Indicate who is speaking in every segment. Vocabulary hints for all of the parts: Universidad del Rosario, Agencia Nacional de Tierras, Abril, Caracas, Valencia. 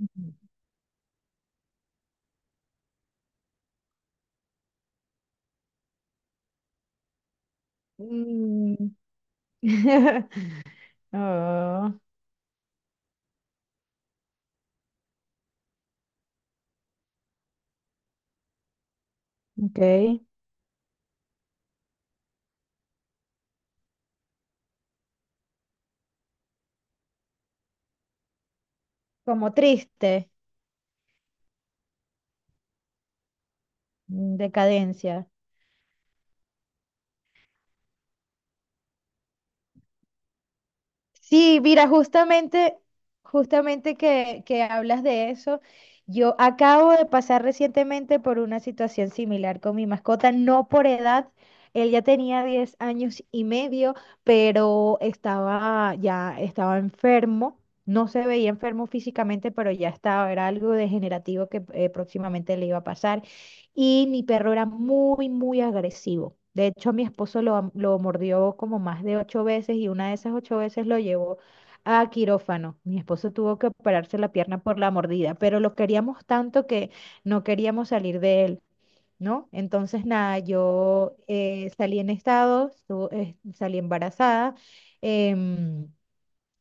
Speaker 1: Mm. Oh, ok. Como triste. Decadencia. Sí, mira, justamente que hablas de eso, yo acabo de pasar recientemente por una situación similar con mi mascota, no por edad, él ya tenía 10 años y medio, pero estaba ya estaba enfermo, no se veía enfermo físicamente, pero ya estaba, era algo degenerativo que próximamente le iba a pasar. Y mi perro era muy, muy agresivo. De hecho, mi esposo lo mordió como más de ocho veces y una de esas ocho veces lo llevó a quirófano. Mi esposo tuvo que operarse la pierna por la mordida, pero lo queríamos tanto que no queríamos salir de él, ¿no? Entonces, nada, yo salí embarazada, em,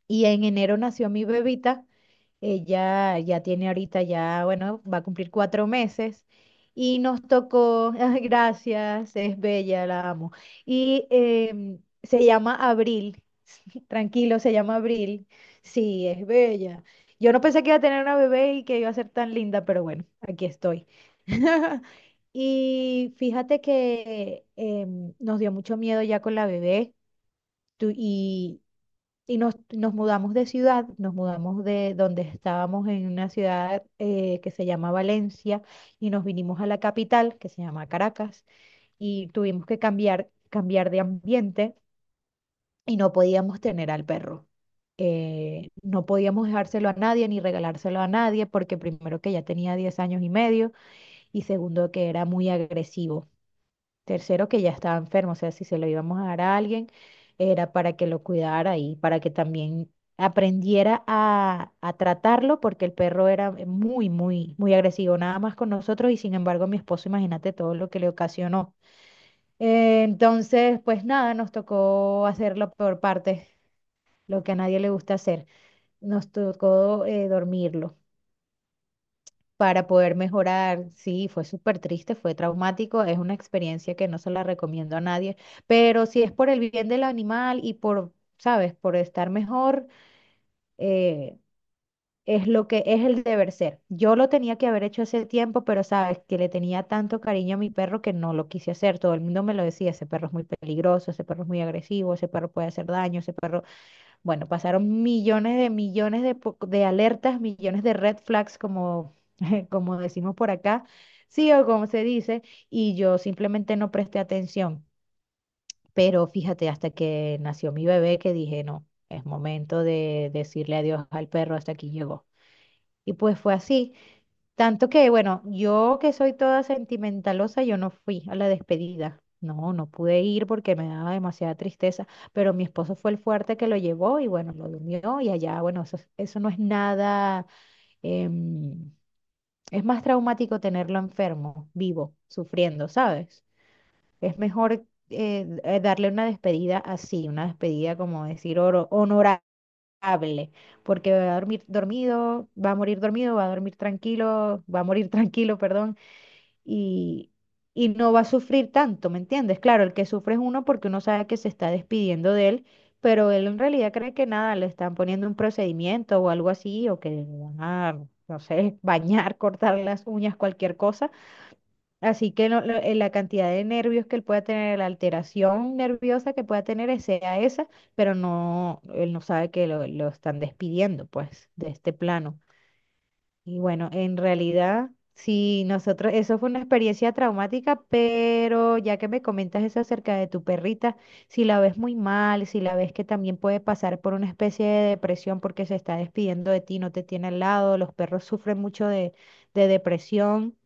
Speaker 1: y en enero nació mi bebita. Ella ya tiene ahorita ya, bueno, va a cumplir 4 meses y nos tocó, ay, gracias, es bella, la amo. Y se llama Abril, tranquilo, se llama Abril, sí, es bella. Yo no pensé que iba a tener una bebé y que iba a ser tan linda, pero bueno, aquí estoy. Y fíjate que nos dio mucho miedo ya con la bebé, tú- y y nos mudamos de ciudad, nos mudamos de donde estábamos en una ciudad que se llama Valencia y nos vinimos a la capital que se llama Caracas y tuvimos que cambiar de ambiente y no podíamos tener al perro. No podíamos dejárselo a nadie ni regalárselo a nadie porque primero que ya tenía 10 años y medio y segundo que era muy agresivo. Tercero, que ya estaba enfermo, o sea, si se lo íbamos a dar a alguien, era para que lo cuidara y para que también aprendiera a tratarlo, porque el perro era muy, muy, muy agresivo, nada más con nosotros y sin embargo mi esposo, imagínate todo lo que le ocasionó. Entonces, pues nada, nos tocó hacerlo por parte, lo que a nadie le gusta hacer, nos tocó dormirlo para poder mejorar. Sí, fue súper triste, fue traumático, es una experiencia que no se la recomiendo a nadie, pero si es por el bien del animal y por, sabes, por estar mejor, eh, es lo que es el deber ser. Yo lo tenía que haber hecho hace tiempo, pero sabes que le tenía tanto cariño a mi perro que no lo quise hacer. Todo el mundo me lo decía, ese perro es muy peligroso, ese perro es muy agresivo, ese perro puede hacer daño, ese perro. Bueno, pasaron millones de millones de alertas, millones de red flags, como, como decimos por acá, sí o como se dice, y yo simplemente no presté atención. Pero fíjate, hasta que nació mi bebé, que dije, no, es momento de decirle adiós al perro, hasta aquí llegó. Y pues fue así. Tanto que, bueno, yo que soy toda sentimentalosa, yo no fui a la despedida. No, no pude ir porque me daba demasiada tristeza, pero mi esposo fue el fuerte que lo llevó y bueno, lo durmió y allá, bueno, eso no es nada, em, es más traumático tenerlo enfermo, vivo, sufriendo, ¿sabes? Es mejor darle una despedida así, una despedida como decir honorable, porque va a dormir dormido, va a morir dormido, va a dormir tranquilo, va a morir tranquilo, perdón, y, y no va a sufrir tanto, ¿me entiendes? Claro, el que sufre es uno porque uno sabe que se está despidiendo de él, pero él en realidad cree que nada, le están poniendo un procedimiento o algo así, o que le van a, no sé, bañar, cortar las uñas, cualquier cosa. Así que la cantidad de nervios que él pueda tener, la alteración nerviosa que pueda tener sea esa, pero no, él no sabe que lo están despidiendo, pues, de este plano. Y bueno, en realidad, sí, nosotros, eso fue una experiencia traumática, pero ya que me comentas eso acerca de tu perrita, si la ves muy mal, si la ves que también puede pasar por una especie de depresión porque se está despidiendo de ti, no te tiene al lado, los perros sufren mucho de depresión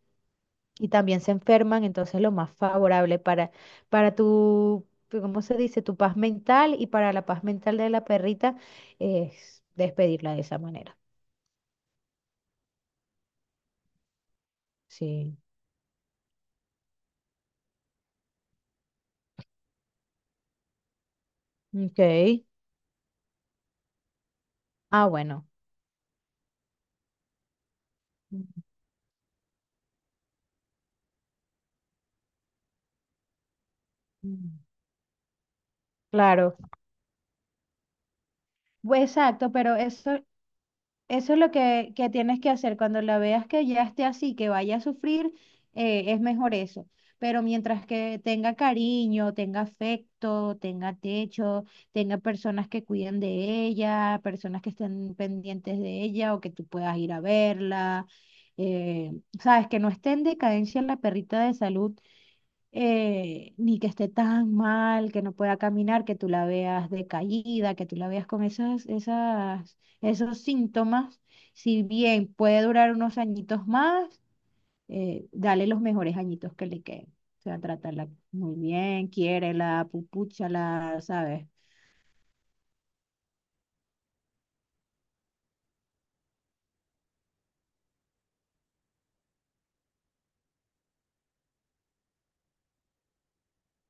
Speaker 1: y también se enferman, entonces lo más favorable para tu, ¿cómo se dice? Tu paz mental y para la paz mental de la perrita es despedirla de esa manera. Sí. Ok. Ah, bueno. Ujú. Claro, pues, exacto, pero eso es lo que tienes que hacer. Cuando la veas que ya esté así, que vaya a sufrir, es mejor eso. Pero mientras que tenga cariño, tenga afecto, tenga techo, tenga personas que cuiden de ella, personas que estén pendientes de ella o que tú puedas ir a verla, eh, sabes, que no esté en decadencia la perrita de salud, ni que esté tan mal, que no pueda caminar, que tú la veas decaída, que tú la veas con esos síntomas, si bien puede durar unos añitos más, dale los mejores añitos que le queden. O sea, tratarla muy bien, quiérela, pupúchala, ¿sabes?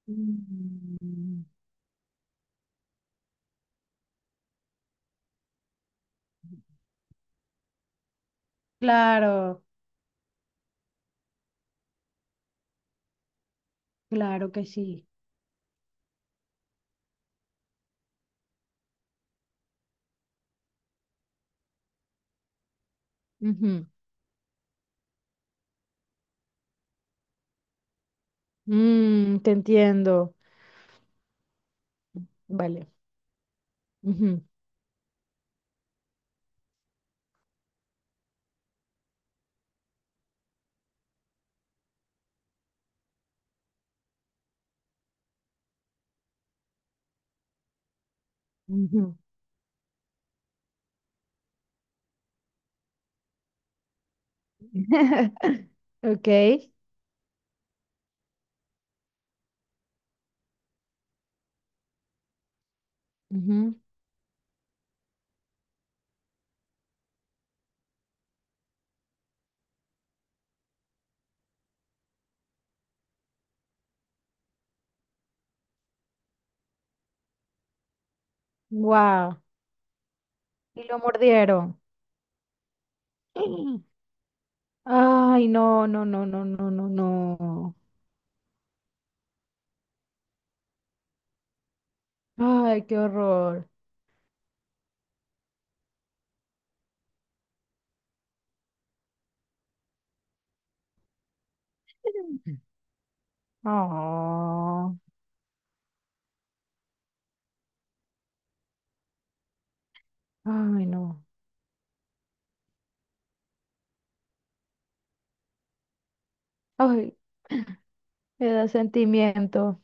Speaker 1: Mm. Claro, claro que sí. Ujú. Te entiendo. Vale. Ujú, ujú. Ok. Ujú. Wow. Y lo mordieron. Ay, no, no, no, no, no, no, no. Ay, qué horror. Oh, ay, no. Ay, me da sentimiento.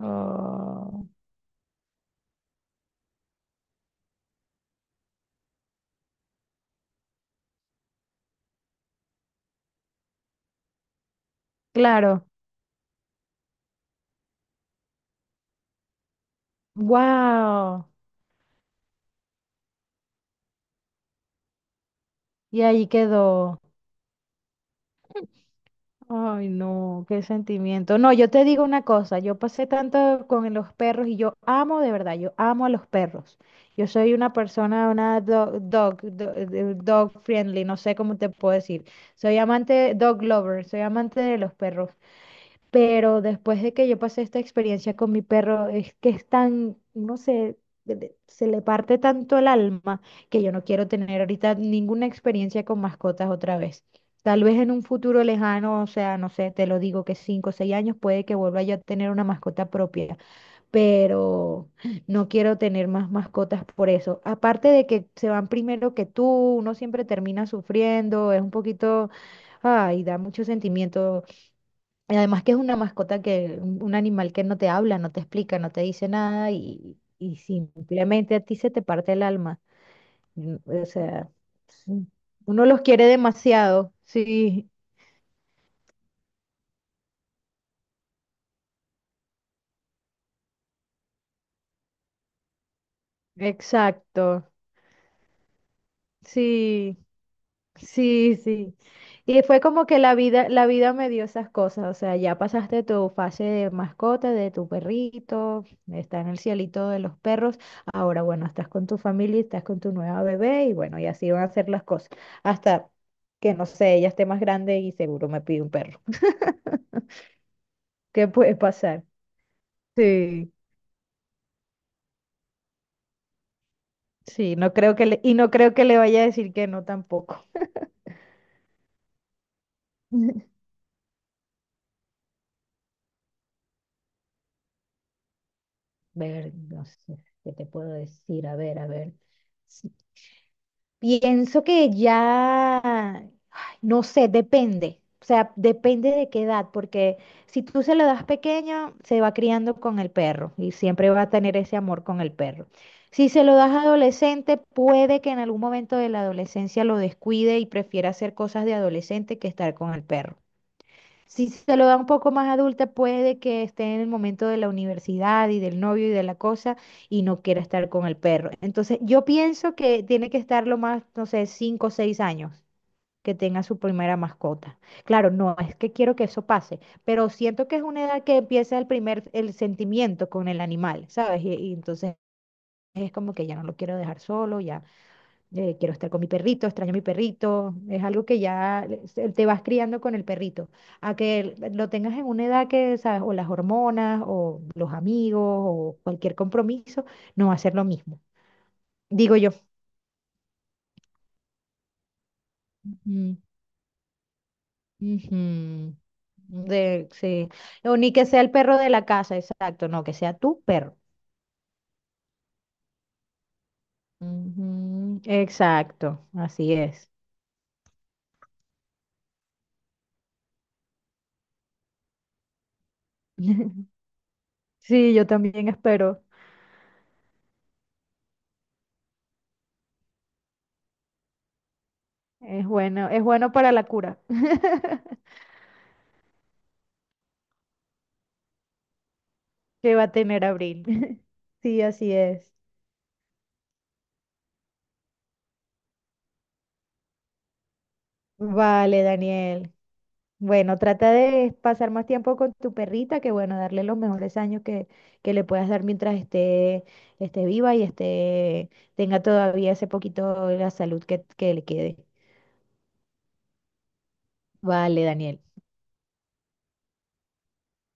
Speaker 1: Oh, claro. Wow. Y ahí quedó. Ay, no, qué sentimiento. No, yo te digo una cosa, yo pasé tanto con los perros y yo amo de verdad, yo amo a los perros. Yo soy una persona, una dog friendly, no sé cómo te puedo decir. Soy amante, dog lover, soy amante de los perros. Pero después de que yo pasé esta experiencia con mi perro, es que es tan, no sé, se le parte tanto el alma que yo no quiero tener ahorita ninguna experiencia con mascotas otra vez. Tal vez en un futuro lejano, o sea, no sé, te lo digo que 5 o 6 años puede que vuelva yo a tener una mascota propia, pero no quiero tener más mascotas por eso. Aparte de que se van primero que tú, uno siempre termina sufriendo, es un poquito, ay, da mucho sentimiento y además que es una mascota que, un animal que no te habla, no te explica, no te dice nada y simplemente a ti se te parte el alma. Mm. O sea, mm, uno los quiere demasiado. Sí, exacto. Sí. Sí, sí. Y fue como que la vida me dio esas cosas. O sea, ya pasaste tu fase de mascota, de tu perrito, está en el cielito de los perros. Ahora, bueno, estás con tu familia, estás con tu nueva bebé y bueno, y así van a ser las cosas. Hasta que, no sé, ella esté más grande y seguro me pide un perro. ¿Qué puede pasar? Sí, sí, no creo que le, y no creo que le vaya a decir que no tampoco. Ver, no sé, ¿qué te puedo decir? A ver, a ver. Pienso que ya, ay, no sé, depende. O sea, depende de qué edad, porque si tú se lo das pequeño, se va criando con el perro y siempre va a tener ese amor con el perro. Si se lo das adolescente, puede que en algún momento de la adolescencia lo descuide y prefiera hacer cosas de adolescente que estar con el perro. Si se lo da un poco más adulta, puede que esté en el momento de la universidad y del novio y de la cosa y no quiera estar con el perro. Entonces, yo pienso que tiene que estar lo más, no sé, 5 o 6 años que tenga su primera mascota. Claro, no es que quiero que eso pase, pero siento que es una edad que empieza el sentimiento con el animal, ¿sabes? Y entonces es como que ya no lo quiero dejar solo, ya quiero estar con mi perrito, extraño a mi perrito, es algo que ya te vas criando con el perrito, a que lo tengas en una edad que, ¿sabes? O las hormonas, o los amigos, o cualquier compromiso, no va a ser lo mismo, digo yo. Ujú, ujú. De, sí. O ni que sea el perro de la casa, exacto, no, que sea tu perro. Ujú, exacto, así es. Sí, yo también espero. Es bueno para la cura. que va a tener Abril. Sí, así es. Vale, Daniel. Bueno, trata de pasar más tiempo con tu perrita, que bueno, darle los mejores años que le puedas dar mientras esté viva y esté, tenga todavía ese poquito la salud que le quede. Vale, Daniel.